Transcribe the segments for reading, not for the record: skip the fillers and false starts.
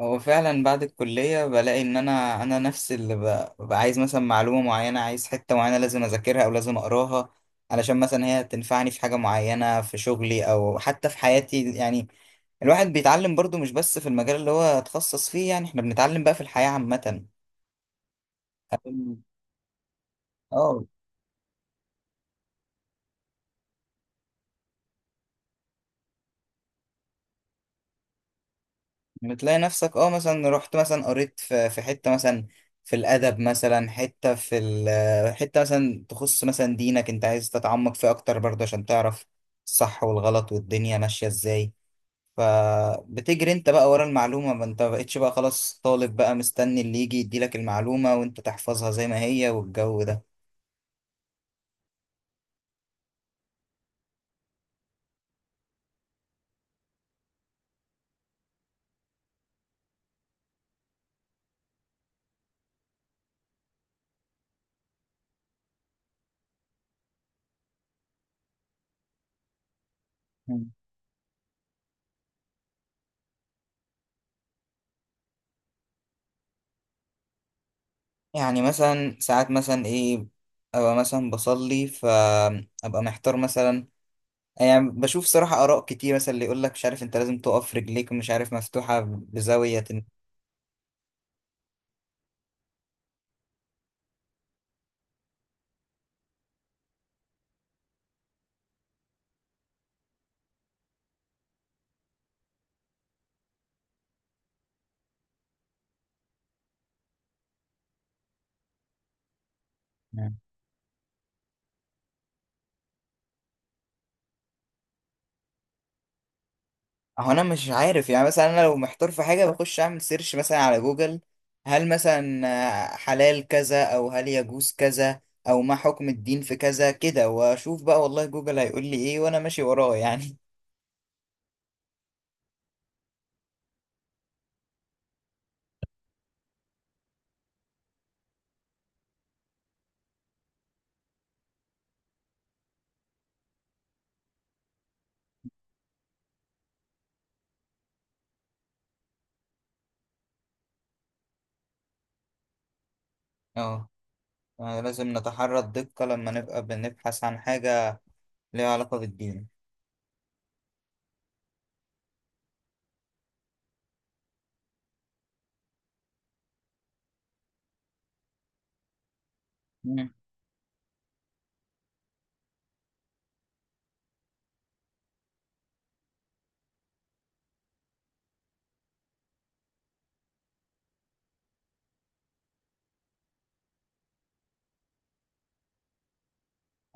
هو فعلا بعد الكلية بلاقي إن أنا نفسي اللي ببقى عايز مثلا معلومة معينة، عايز حتة معينة لازم أذاكرها أو لازم أقراها علشان مثلا هي تنفعني في حاجة معينة في شغلي أو حتى في حياتي. يعني الواحد بيتعلم برضو مش بس في المجال اللي هو اتخصص فيه، يعني إحنا بنتعلم بقى في الحياة عامة. اه، بتلاقي نفسك مثلا رحت مثلا قريت في حتة مثلا في الأدب، مثلا حتة في ال حتة مثلا تخص مثلا دينك، انت عايز تتعمق فيه أكتر برضه عشان تعرف الصح والغلط والدنيا ماشية ازاي. فبتجري انت بقى ورا المعلومة، ما انت مبقتش بقى خلاص طالب بقى مستني اللي يجي يديلك المعلومة وانت تحفظها زي ما هي والجو ده. مم. يعني مثلا ساعات مثلا ايه، ابقى مثلا بصلي فابقى محتار مثلا، يعني بشوف صراحة آراء كتير، مثلا اللي يقول لك مش عارف أنت لازم تقف رجليك مش عارف مفتوحة بزاوية. هو أنا مش عارف، يعني مثلا أنا لو محتار في حاجة بخش أعمل سيرش مثلا على جوجل. هل مثلا حلال كذا، أو هل يجوز كذا، أو ما حكم الدين في كذا كده، وأشوف بقى والله جوجل هيقول لي إيه وأنا ماشي وراه يعني. أه. آه، لازم نتحرى الدقة لما نبقى بنبحث عن حاجة ليها علاقة بالدين. مم.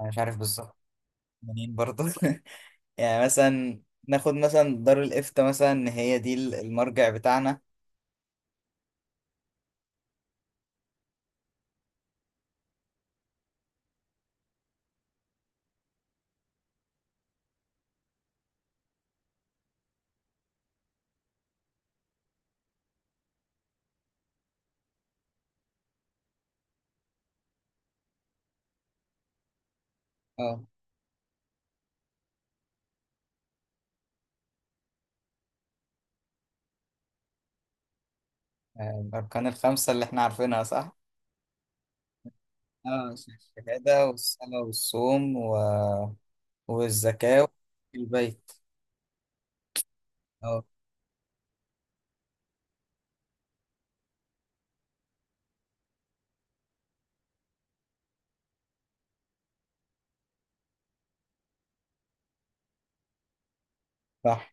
أنا مش عارف بالظبط. منين برضه يعني مثلا ناخد مثلا دار الإفتاء، مثلا إن هي دي المرجع بتاعنا. اه. آه، الأركان الخمسة اللي إحنا عارفينها صح؟ اه صح. الشهادة والصلاة والصوم والزكاة في البيت. اه صح.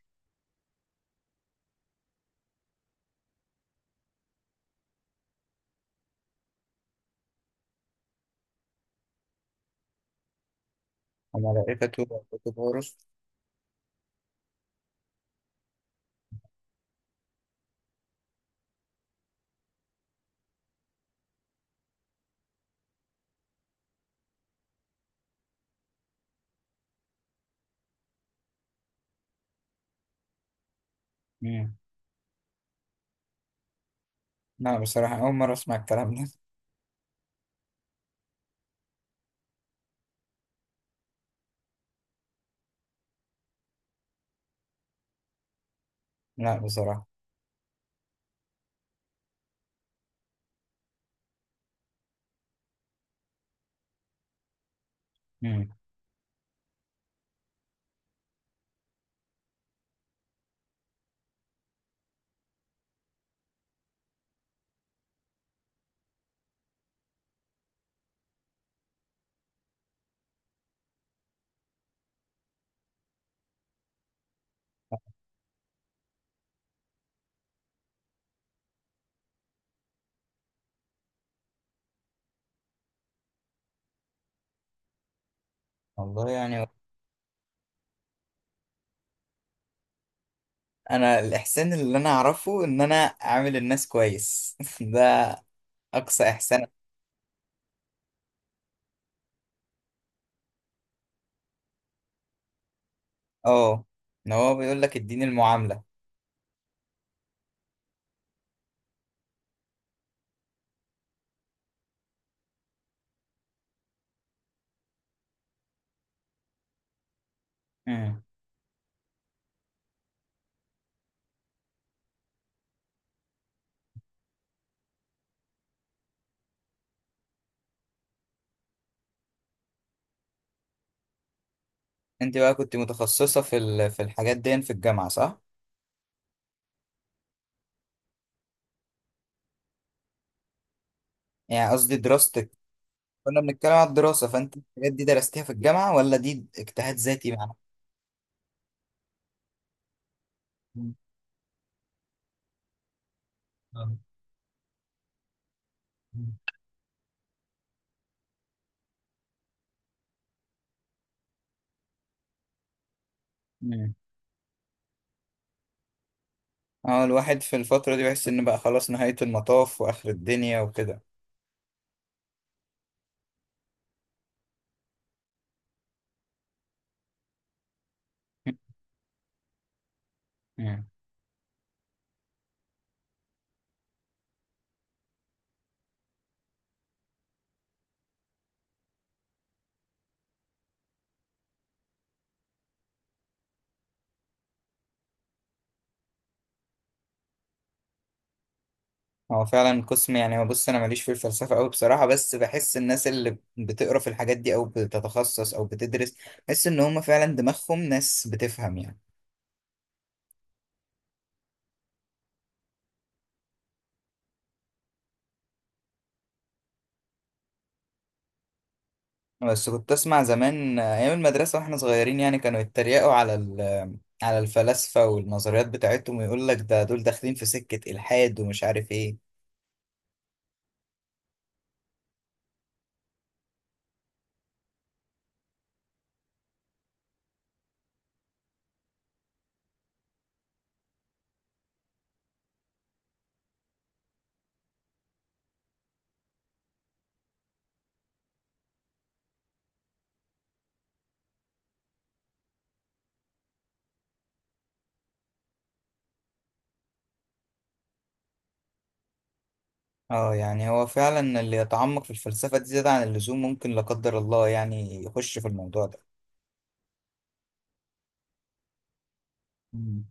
وملائكته وكتب ورسل. مم. لا بصراحة أول مرة أسمع الكلام ده. لا بصراحة. مم. والله يعني. أنا الإحسان اللي أنا أعرفه إن أنا أعامل الناس كويس ده أقصى إحسان. أه، إن هو بيقول لك اديني المعاملة. مم. انت بقى كنت متخصصة في الحاجات دي في الجامعة صح؟ يعني قصدي دراستك. كنا بنتكلم على الدراسة، فانت الحاجات دي درستيها في الجامعة ولا دي اجتهاد ذاتي مع نفسك؟ مم. اه، الواحد في الفترة دي بيحس ان بقى خلاص نهاية المطاف واخر الدنيا وكده. مم. هو فعلا قسم، يعني هو بص انا ماليش في الفلسفة قوي بصراحة، بس بحس الناس اللي بتقرا في الحاجات دي او بتتخصص او بتدرس، بحس ان هم فعلا دماغهم ناس بتفهم يعني. بس كنت اسمع زمان ايام المدرسه واحنا صغيرين، يعني كانوا يتريقوا على الفلاسفه والنظريات بتاعتهم، ويقول لك ده دول داخلين في سكه الحاد ومش عارف ايه. اه، يعني هو فعلا اللي يتعمق في الفلسفه دي زياده عن اللزوم ممكن لا قدر الله يعني يخش في الموضوع ده. مم.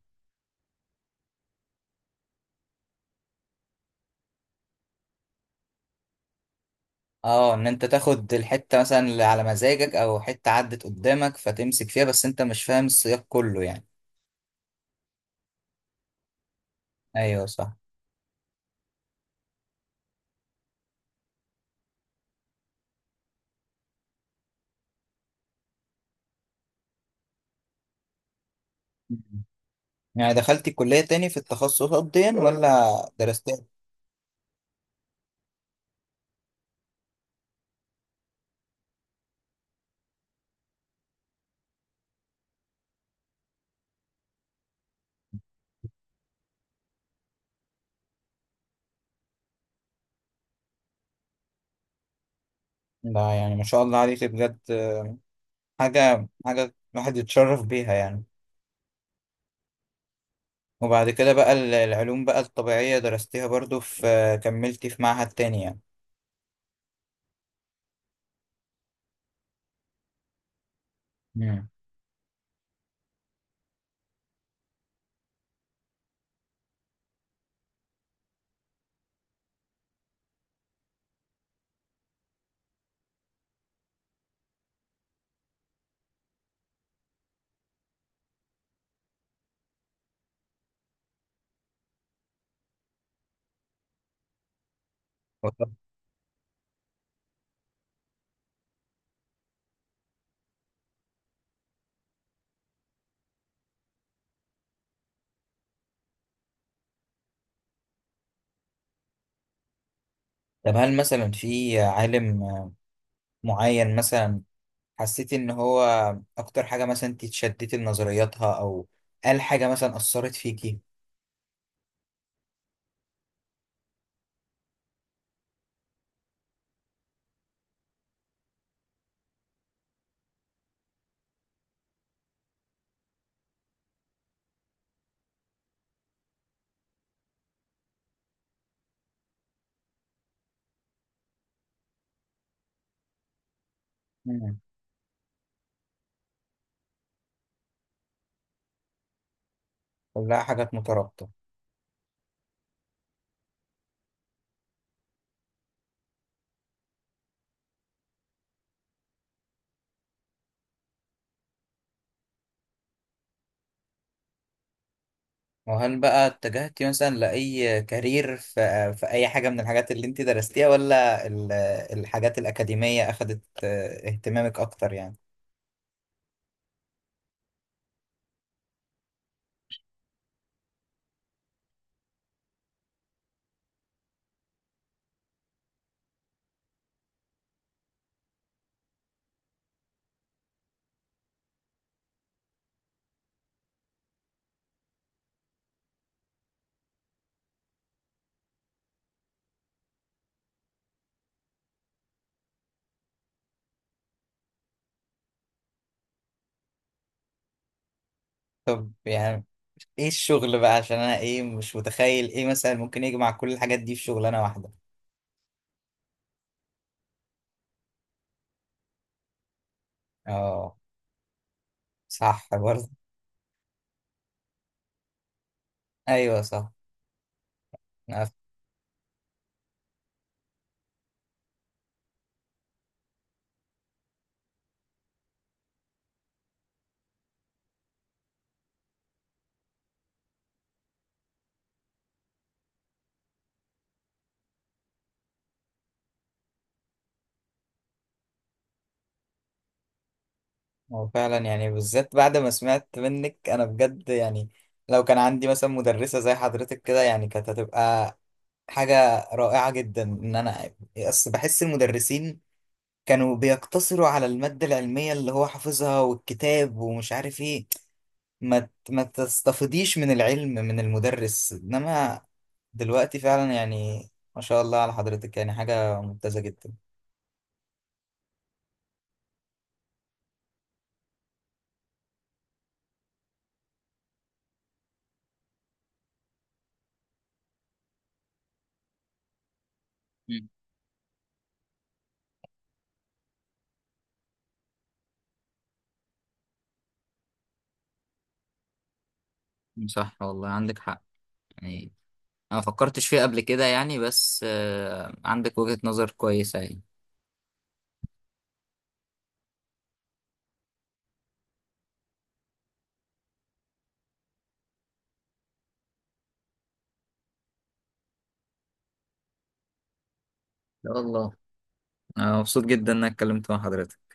اه، ان انت تاخد الحته مثلا اللي على مزاجك او حته عدت قدامك فتمسك فيها، بس انت مش فاهم السياق كله يعني. ايوه صح. مم. يعني دخلتي كليه تاني في التخصصات دي ولا درستها؟ ده يعني ما شاء الله عليك بجد. حاجة الواحد يتشرف بيها يعني. وبعد كده بقى العلوم بقى الطبيعية درستيها برضو في، كملتي في معهد تاني يعني؟ مم. طب طب هل مثلا في عالم معين مثلا حسيتي ان هو اكتر حاجة مثلا انت اتشدتي لنظرياتها او قال حاجة مثلا اثرت فيكي؟ مم. كلها حاجات مترابطة. وهل بقى اتجهتي مثلا لأي كارير في أي حاجة من الحاجات اللي انت درستيها، ولا الحاجات الأكاديمية أخدت اهتمامك أكتر يعني؟ طب يعني ايه الشغل بقى، عشان أنا ايه مش متخيل ايه مثلا ممكن يجمع كل الحاجات دي في شغلانة واحدة. اه صح برضه. أيوه صح. أنا ف- هو فعلا يعني بالذات بعد ما سمعت منك أنا بجد يعني، لو كان عندي مثلا مدرسة زي حضرتك كده، يعني كانت هتبقى حاجة رائعة جدا. إن أنا أصل بحس المدرسين كانوا بيقتصروا على المادة العلمية اللي هو حافظها والكتاب ومش عارف إيه، ما تستفيديش من العلم من المدرس، إنما دلوقتي فعلا يعني ما شاء الله على حضرتك، يعني حاجة ممتازة جدا. مم. صح والله عندك حق. يعني انا ما فكرتش فيه قبل كده يعني، بس عندك وجهة نظر كويسة يعني. يا الله. انا مبسوط جدا انك اتكلمت مع حضرتك.